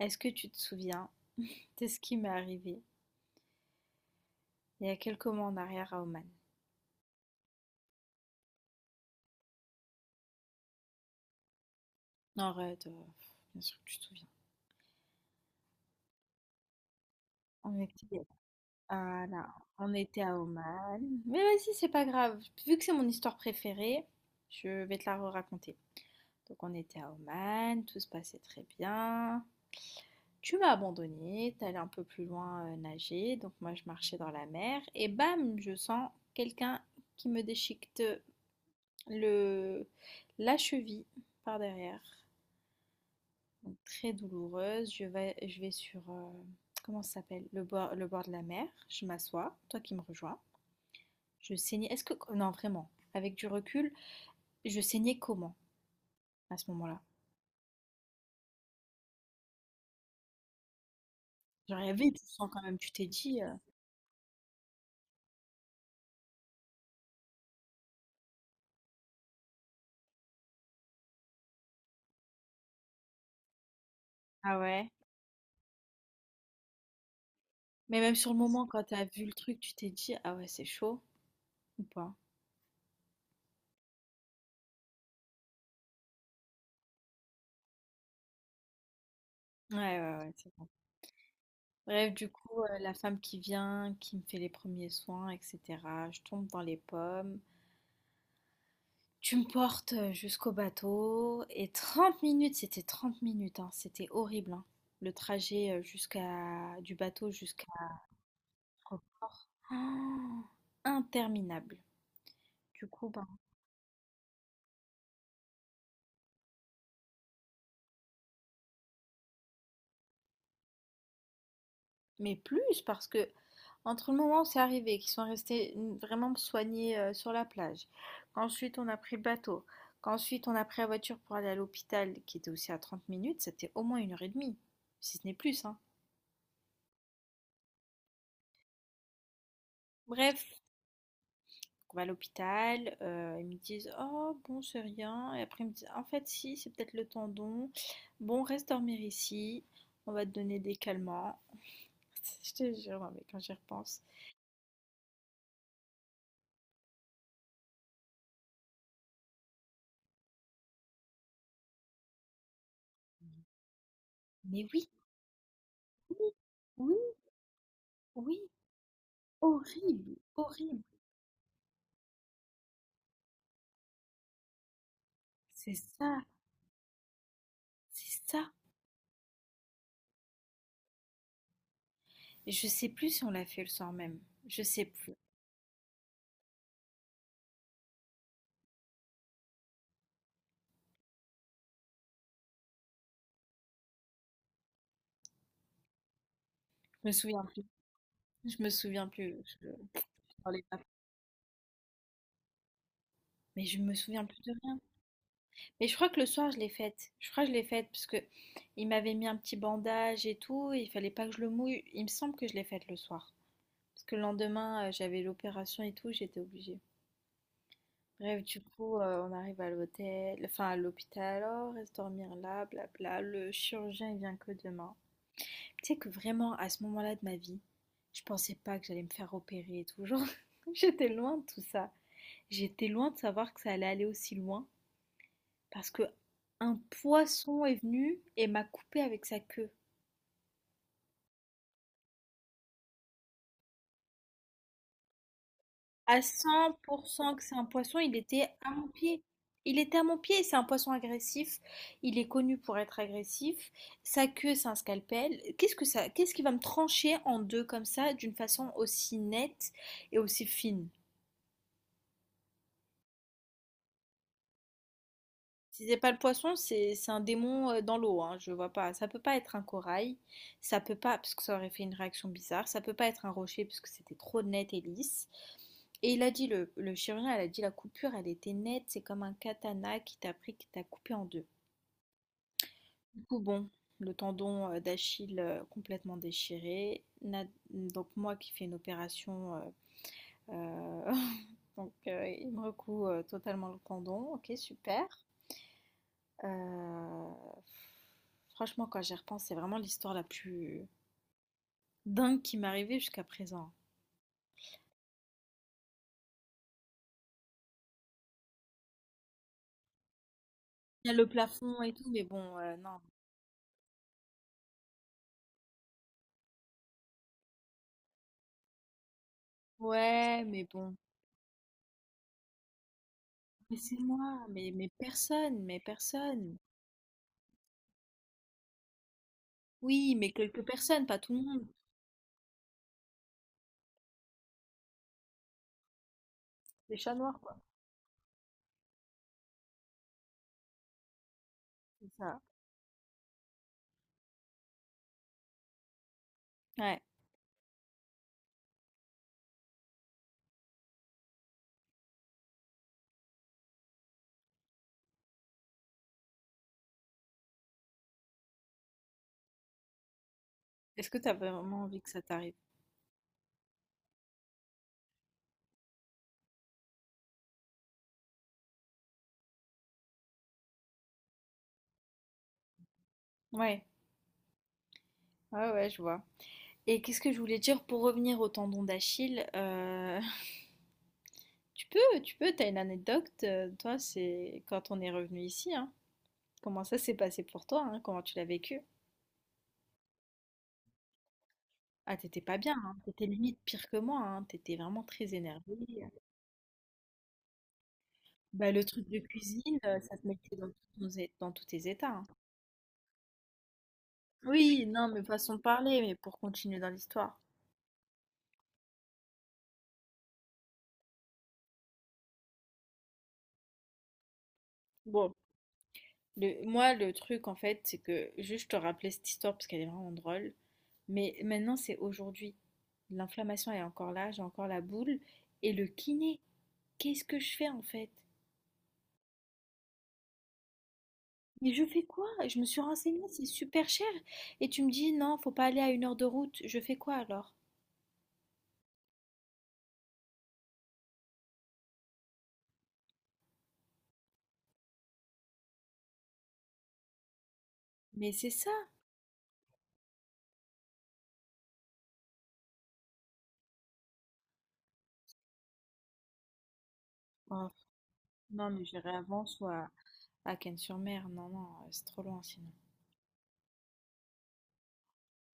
Est-ce que tu te souviens de ce qui m'est arrivé il y a quelques mois en arrière à Oman? Non, arrête, bien sûr que tu te souviens. On était, ah là, on était à Oman. Mais vas-y, c'est pas grave. Vu que c'est mon histoire préférée, je vais te la raconter. Donc on était à Oman, tout se passait très bien. Tu m'as abandonné, t'allais un peu plus loin nager, donc moi je marchais dans la mer et bam, je sens quelqu'un qui me déchiquette le la cheville par derrière très douloureuse. Je vais sur, comment ça s'appelle? Le bord de la mer. Je m'assois, toi qui me rejoins. Je saignais. Non, vraiment, avec du recul, je saignais comment à ce moment-là? Genre, il y avait du sang quand même. Tu t'es dit, ah ouais. Mais même sur le moment, quand t'as vu le truc, tu t'es dit, ah ouais, c'est chaud ou pas? Ouais, ouais, ouais, c'est bon. Bref, du coup, la femme qui vient, qui me fait les premiers soins, etc. Je tombe dans les pommes. Tu me portes jusqu'au bateau et 30 minutes, c'était 30 minutes, hein, c'était horrible, hein, le trajet jusqu'à du bateau jusqu'à l'aéroport. Ah, interminable. Du coup, ben, mais plus parce que entre le moment où c'est arrivé, qu'ils sont restés vraiment soignés sur la plage, qu'ensuite on a pris le bateau, qu'ensuite on a pris la voiture pour aller à l'hôpital qui était aussi à 30 minutes, c'était au moins 1 heure et demie, si ce n'est plus, hein. Bref, on va à l'hôpital, ils me disent: «Oh bon, c'est rien» et après ils me disent: «En fait si, c'est peut-être le tendon. Bon, reste dormir ici, on va te donner des calmants». Je te jure, mais quand j'y repense. Mais oui, oui, oui, oui, horrible, horrible. C'est ça, c'est ça et je sais plus si on l'a fait le soir même. Je sais plus. Je me souviens plus. Je me souviens plus, je parlais pas mais je me souviens plus de rien. Mais je crois que le soir, je l'ai faite. Je crois que je l'ai faite parce que il m'avait mis un petit bandage et tout, et il fallait pas que je le mouille. Il me semble que je l'ai faite le soir. Parce que le lendemain, j'avais l'opération et tout, j'étais obligée. Bref, du coup, on arrive à l'hôtel, enfin à l'hôpital. Alors reste dormir là, blabla. Le chirurgien, il vient que demain. Tu sais que vraiment, à ce moment-là de ma vie, je pensais pas que j'allais me faire opérer et tout. Genre, j'étais loin de tout ça. J'étais loin de savoir que ça allait aller aussi loin. Parce que un poisson est venu et m'a coupé avec sa queue. À 100% que c'est un poisson, il était à mon pied. Il était à mon pied, c'est un poisson agressif, il est connu pour être agressif, sa queue c'est un scalpel. Qu'est-ce qui va me trancher en deux comme ça d'une façon aussi nette et aussi fine? Si c'est pas le poisson, c'est un démon dans l'eau, hein, je vois pas. Ça peut pas être un corail, ça peut pas, parce que ça aurait fait une réaction bizarre, ça peut pas être un rocher parce que c'était trop net et lisse. Et il a dit, le chirurgien, elle a dit la coupure, elle était nette, c'est comme un katana qui t'a pris, qui t'a coupé en deux. Du coup, bon, le tendon d'Achille complètement déchiré. Donc moi qui fais une opération, euh, donc il me recoue totalement le tendon. Ok, super. Euh, franchement, quand j'y repense, c'est vraiment l'histoire la plus dingue qui m'est arrivée jusqu'à présent. Il y a le plafond et tout, mais bon, non. Ouais, mais bon. Mais c'est moi, mais personne, mais personne. Oui, mais quelques personnes, pas tout le monde. Les chats noirs, quoi. C'est ça. Ouais. Est-ce que t'as vraiment envie que ça t'arrive? Ouais, ouais, ouais, je vois. Et qu'est-ce que je voulais dire pour revenir au tendon d'Achille? T'as une anecdote, toi, c'est quand on est revenu ici, hein. Comment ça s'est passé pour toi, hein, comment tu l'as vécu? Ah, t'étais pas bien, hein. T'étais limite pire que moi, hein. T'étais vraiment très énervée. Bah, le truc de cuisine, ça te mettait dans dans tous tes états, hein. Oui, non, mais façon de parler, mais pour continuer dans l'histoire. Bon, moi, le truc, en fait, c'est que juste te rappeler cette histoire parce qu'elle est vraiment drôle. Mais maintenant, c'est aujourd'hui. L'inflammation est encore là, j'ai encore la boule. Et le kiné, qu'est-ce que je fais en fait? Mais je fais quoi? Je me suis renseignée, c'est super cher. Et tu me dis, non, faut pas aller à 1 heure de route. Je fais quoi alors? Mais c'est ça. Oh, non, mais j'irai avant, soit à Cannes-sur-Mer. Non, non, c'est trop loin sinon.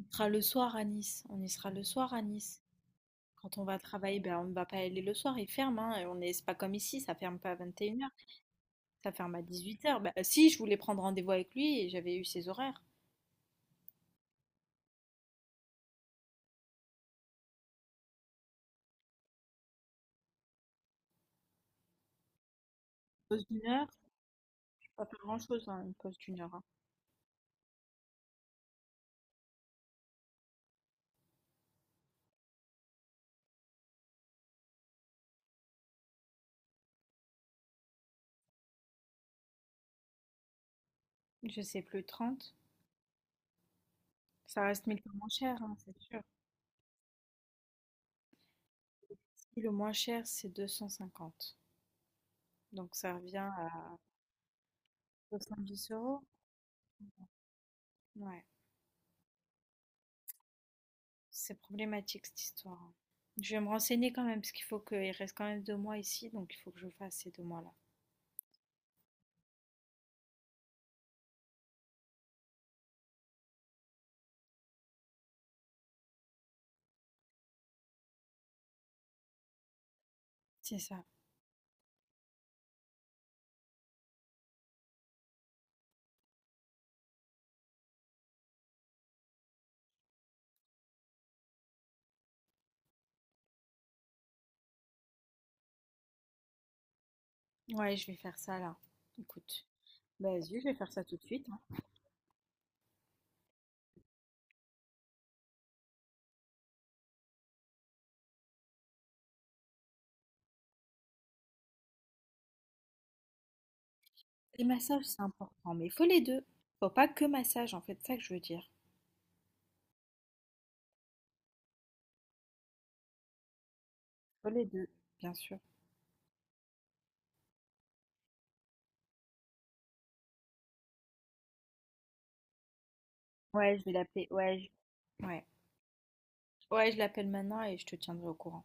On sera le soir à Nice. On y sera le soir à Nice. Quand on va travailler, ben, on ne va pas aller le soir, il ferme, hein, et on est c'est pas comme ici, ça ferme pas à 21 heures, ça ferme à 18 heures. Ben, si, je voulais prendre rendez-vous avec lui et j'avais eu ses horaires. Pause d'1 heure, je peux pas faire grand-chose, hein, une pause d'1 heure, hein. Je sais plus, 30. Ça reste 1000 fois moins cher, hein, c'est sûr. Si, le moins cher, c'est 250. Donc ça revient à 70 euros. Ouais, c'est problématique cette histoire, hein. Je vais me renseigner quand même, parce qu'il faut qu'il reste quand même 2 mois ici, donc il faut que je fasse ces 2 mois-là. C'est ça. Ouais, je vais faire ça là. Écoute. Bah, zut, je vais faire ça tout de suite, hein. Les massages, c'est important, mais faut les deux. Faut pas que massage, en fait, c'est ça que je veux dire. Faut les deux, bien sûr. Ouais, je vais l'appeler. Ouais, je... ouais. Ouais, je l'appelle maintenant et je te tiendrai au courant.